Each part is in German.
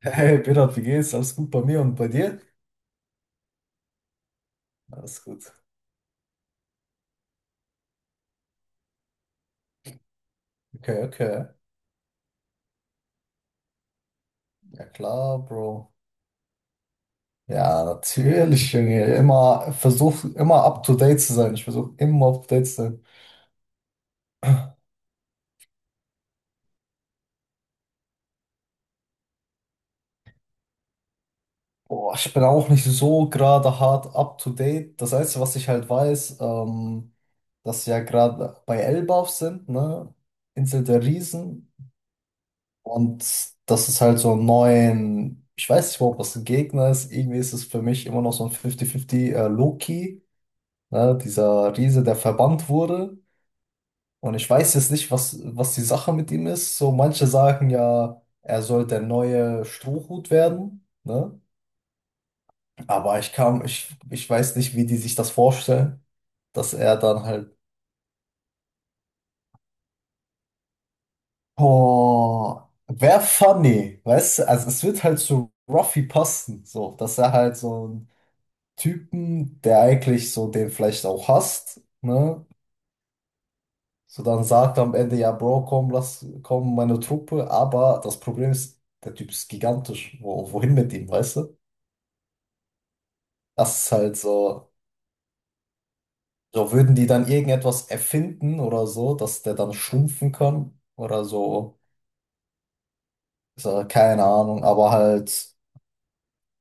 Hey, Berat, wie geht's? Alles gut bei mir und bei dir? Alles gut. Okay, okay. Ja klar, Bro. Ja, natürlich, Junge. Immer versuch immer up to date zu sein. Ich versuche immer up to date zu sein. Boah, ich bin auch nicht so gerade hart up to date. Das Einzige, was ich halt weiß, dass wir ja gerade bei Elbaf sind, ne? Insel der Riesen. Und das ist halt so ein neuen, ich weiß nicht, überhaupt, was ein Gegner ist. Irgendwie ist es für mich immer noch so ein 50-50, Loki. Ne? Dieser Riese, der verbannt wurde. Und ich weiß jetzt nicht, was die Sache mit ihm ist. So, manche sagen ja, er soll der neue Strohhut werden. Ne? Aber ich kam, ich weiß nicht, wie die sich das vorstellen, dass er dann halt, oh, wär funny, weißt du? Also es wird halt zu Ruffy passen, so, dass er halt so ein Typen, der eigentlich so den vielleicht auch hasst, ne? So, dann sagt er am Ende, ja, Bro, komm, lass, komm, meine Truppe. Aber das Problem ist, der Typ ist gigantisch. Wohin mit ihm, weißt du? Das ist halt so, so würden die dann irgendetwas erfinden oder so, dass der dann schrumpfen kann oder so, so keine Ahnung, aber halt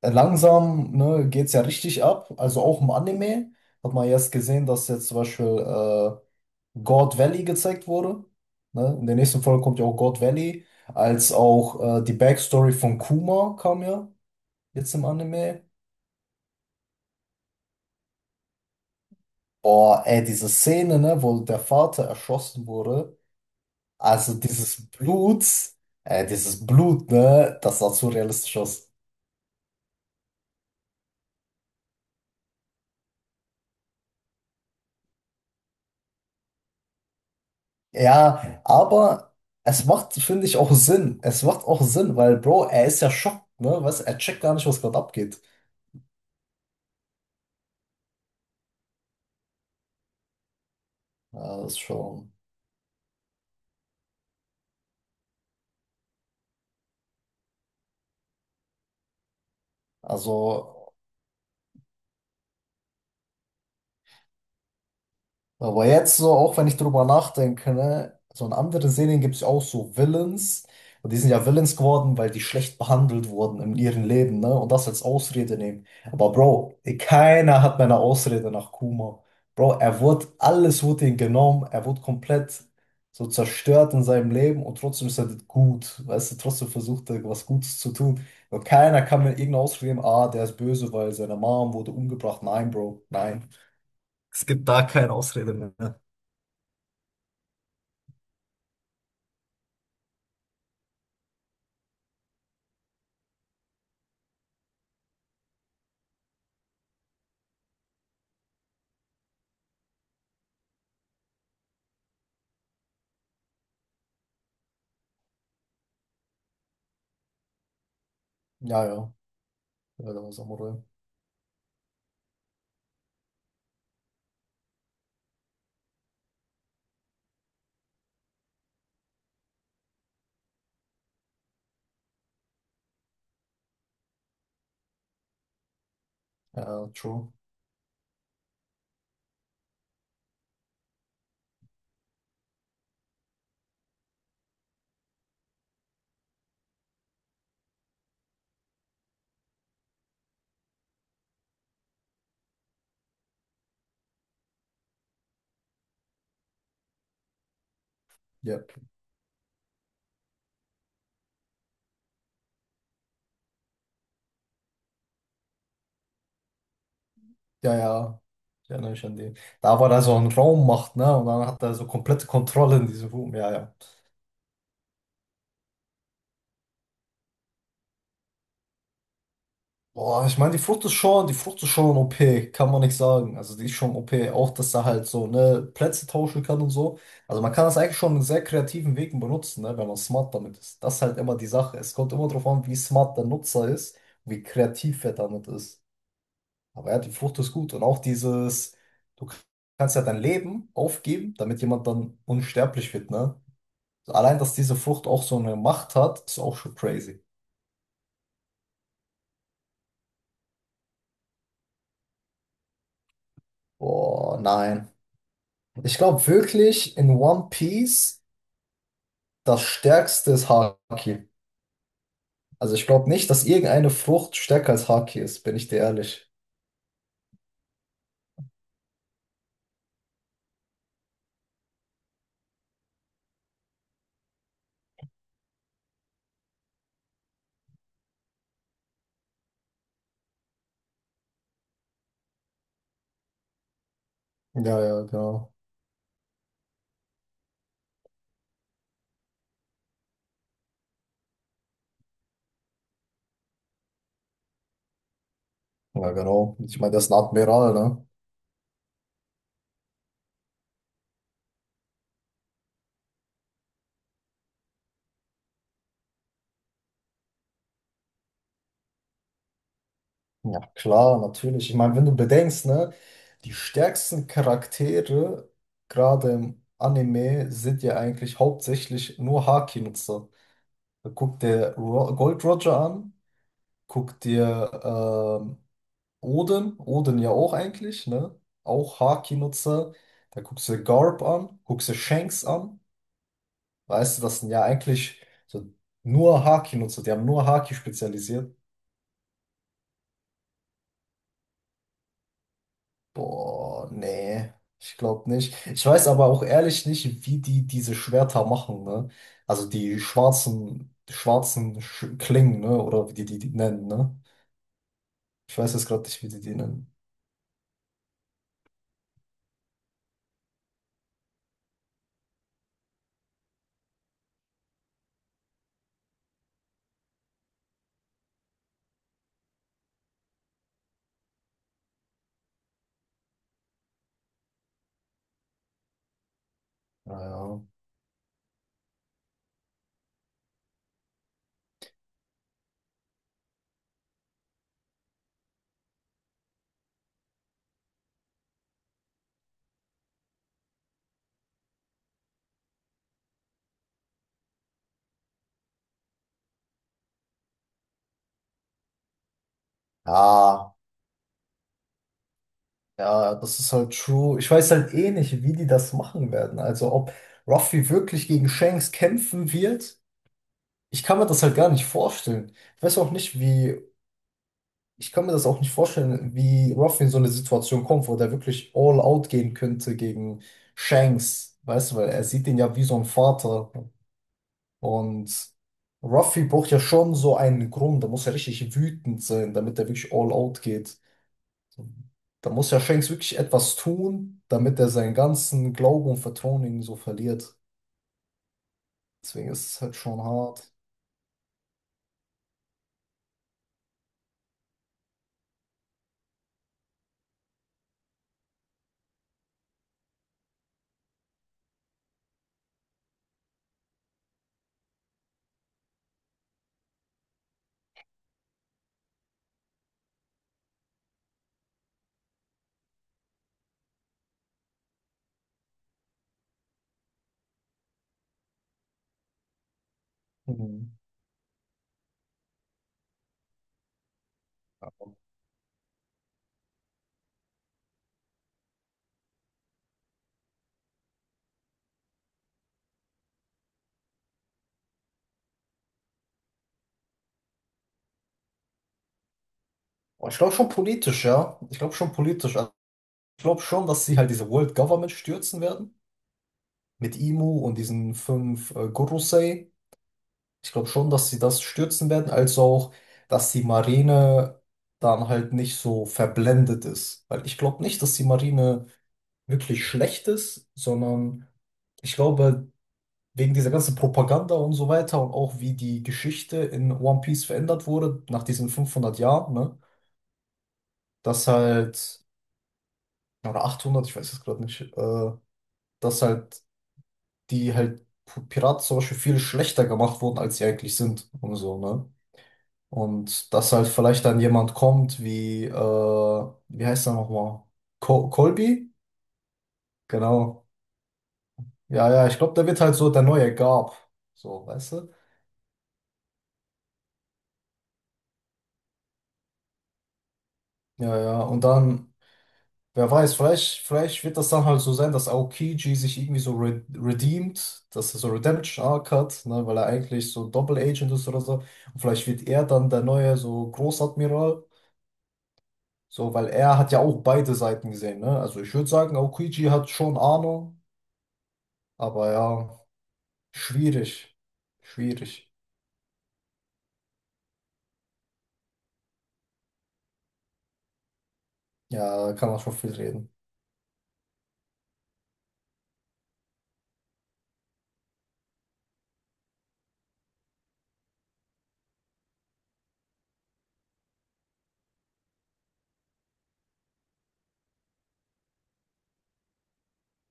langsam, ne, geht's ja richtig ab. Also auch im Anime hat man jetzt gesehen, dass jetzt zum Beispiel God Valley gezeigt wurde. Ne? In der nächsten Folge kommt ja auch God Valley, als auch die Backstory von Kuma kam ja jetzt im Anime. Boah, ey, diese Szene, ne, wo der Vater erschossen wurde, also dieses Blut, ne, das sah zu realistisch aus. Ja, aber es macht, finde ich, auch Sinn. Es macht auch Sinn, weil, Bro, er ist ja schockt, ne, weißt, du, er checkt gar nicht, was gerade abgeht. Ja, das ist schon, also. Aber jetzt so, auch wenn ich drüber nachdenke, ne, so in anderen Serien gibt es ja auch so Villains. Und die sind ja Villains geworden, weil die schlecht behandelt wurden in ihrem Leben, ne? Und das als Ausrede nehmen. Aber Bro, keiner hat meine Ausrede nach Kuma. Bro, alles wurde ihm genommen, er wurde komplett so zerstört in seinem Leben und trotzdem ist er gut. Weißt du, trotzdem versucht er, was Gutes zu tun. Und keiner kann mir irgendeine Ausrede geben, ah, der ist böse, weil seine Mom wurde umgebracht. Nein, Bro, nein. Es gibt da keine Ausrede mehr. Ja, ja, ja, da war Samurai. Ja, true. Yep. Ja, ja, ich erinnere mich an den. Da war da so ein Raum macht, ne? Und dann hat er so komplette Kontrolle in diesem Raum. Ja, ja. Boah, ich meine, die Frucht ist schon OP, kann man nicht sagen. Also die ist schon OP, auch dass er halt so, ne, Plätze tauschen kann und so. Also man kann das eigentlich schon in sehr kreativen Wegen benutzen, ne, wenn man smart damit ist. Das ist halt immer die Sache. Es kommt immer darauf an, wie smart der Nutzer ist, wie kreativ er damit ist. Aber ja, die Flucht ist gut. Und auch dieses, du kannst ja dein Leben aufgeben, damit jemand dann unsterblich wird, ne? Also allein, dass diese Flucht auch so eine Macht hat, ist auch schon crazy. Boah, nein. Ich glaube wirklich, in One Piece das Stärkste ist Haki. Also ich glaube nicht, dass irgendeine Frucht stärker als Haki ist, bin ich dir ehrlich. Ja, ja, genau. Ja, genau. Ich meine, das ist ein Admiral, ne? Ja, klar, natürlich. Ich meine, wenn du bedenkst, ne, die stärksten Charaktere, gerade im Anime, sind ja eigentlich hauptsächlich nur Haki-Nutzer. Guck dir Ro Gold Roger an, guck dir Odin ja auch eigentlich, ne? Auch Haki-Nutzer. Da guckst du Garp an, guckst du Shanks an. Weißt du, das sind ja eigentlich so nur Haki-Nutzer, die haben nur Haki spezialisiert. Boah, nee, ich glaube nicht. Ich weiß aber auch ehrlich nicht, wie die diese Schwerter machen, ne? Also die schwarzen Sch Klingen, ne? Oder wie die nennen, ne? Ich weiß jetzt gerade nicht, wie die die nennen. Naja. Ja, ja, das ist halt true. Ich weiß halt eh nicht, wie die das machen werden. Also ob Ruffy wirklich gegen Shanks kämpfen wird, ich kann mir das halt gar nicht vorstellen. Ich weiß auch nicht, wie Ich kann mir das auch nicht vorstellen, wie Ruff in so eine Situation kommt, wo der wirklich all out gehen könnte gegen Shanks, weißt du, weil er sieht ihn ja wie so ein Vater. Und Ruffy braucht ja schon so einen Grund, da muss er richtig wütend sein, damit er wirklich all out geht. Da muss ja Shanks wirklich etwas tun, damit er seinen ganzen Glauben und Vertrauen in ihn so verliert. Deswegen ist es halt schon hart. Mhm. Aber ich glaube schon politisch, ja. Ich glaube schon politisch. Also ich glaube schon, dass sie halt diese World Government stürzen werden, mit Imu und diesen 5 Gurusei. Ich glaube schon, dass sie das stürzen werden, als auch, dass die Marine dann halt nicht so verblendet ist. Weil ich glaube nicht, dass die Marine wirklich schlecht ist, sondern ich glaube, wegen dieser ganzen Propaganda und so weiter und auch wie die Geschichte in One Piece verändert wurde, nach diesen 500 Jahren, ne, dass halt, oder 800, ich weiß es gerade nicht, dass halt die halt Piraten zum Beispiel viel schlechter gemacht wurden, als sie eigentlich sind und so, ne? Und dass halt vielleicht dann jemand kommt wie, wie heißt er nochmal? Colby? Genau. Ja, ja, ich glaube, der wird halt so der neue Garp. So, weißt du? Ja, ja, und dann, vielleicht wird das dann halt so sein, dass Aokiji sich irgendwie so re redeemt, dass er so Redemption Arc hat, ne, weil er eigentlich so Double Agent ist oder so. Und vielleicht wird er dann der neue so Großadmiral. So, weil er hat ja auch beide Seiten gesehen, ne? Also ich würde sagen, Aokiji hat schon Ahnung, aber ja, schwierig. Schwierig. Ja, da kann man schon viel reden.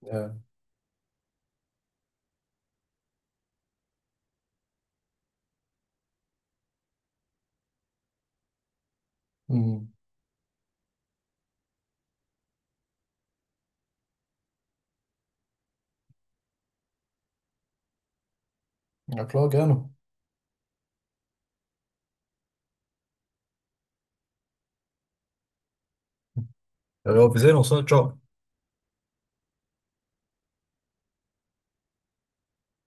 Ja, mhm. Ja, klar, gerne. Ja, ja, wir sehen uns, ne? Ciao.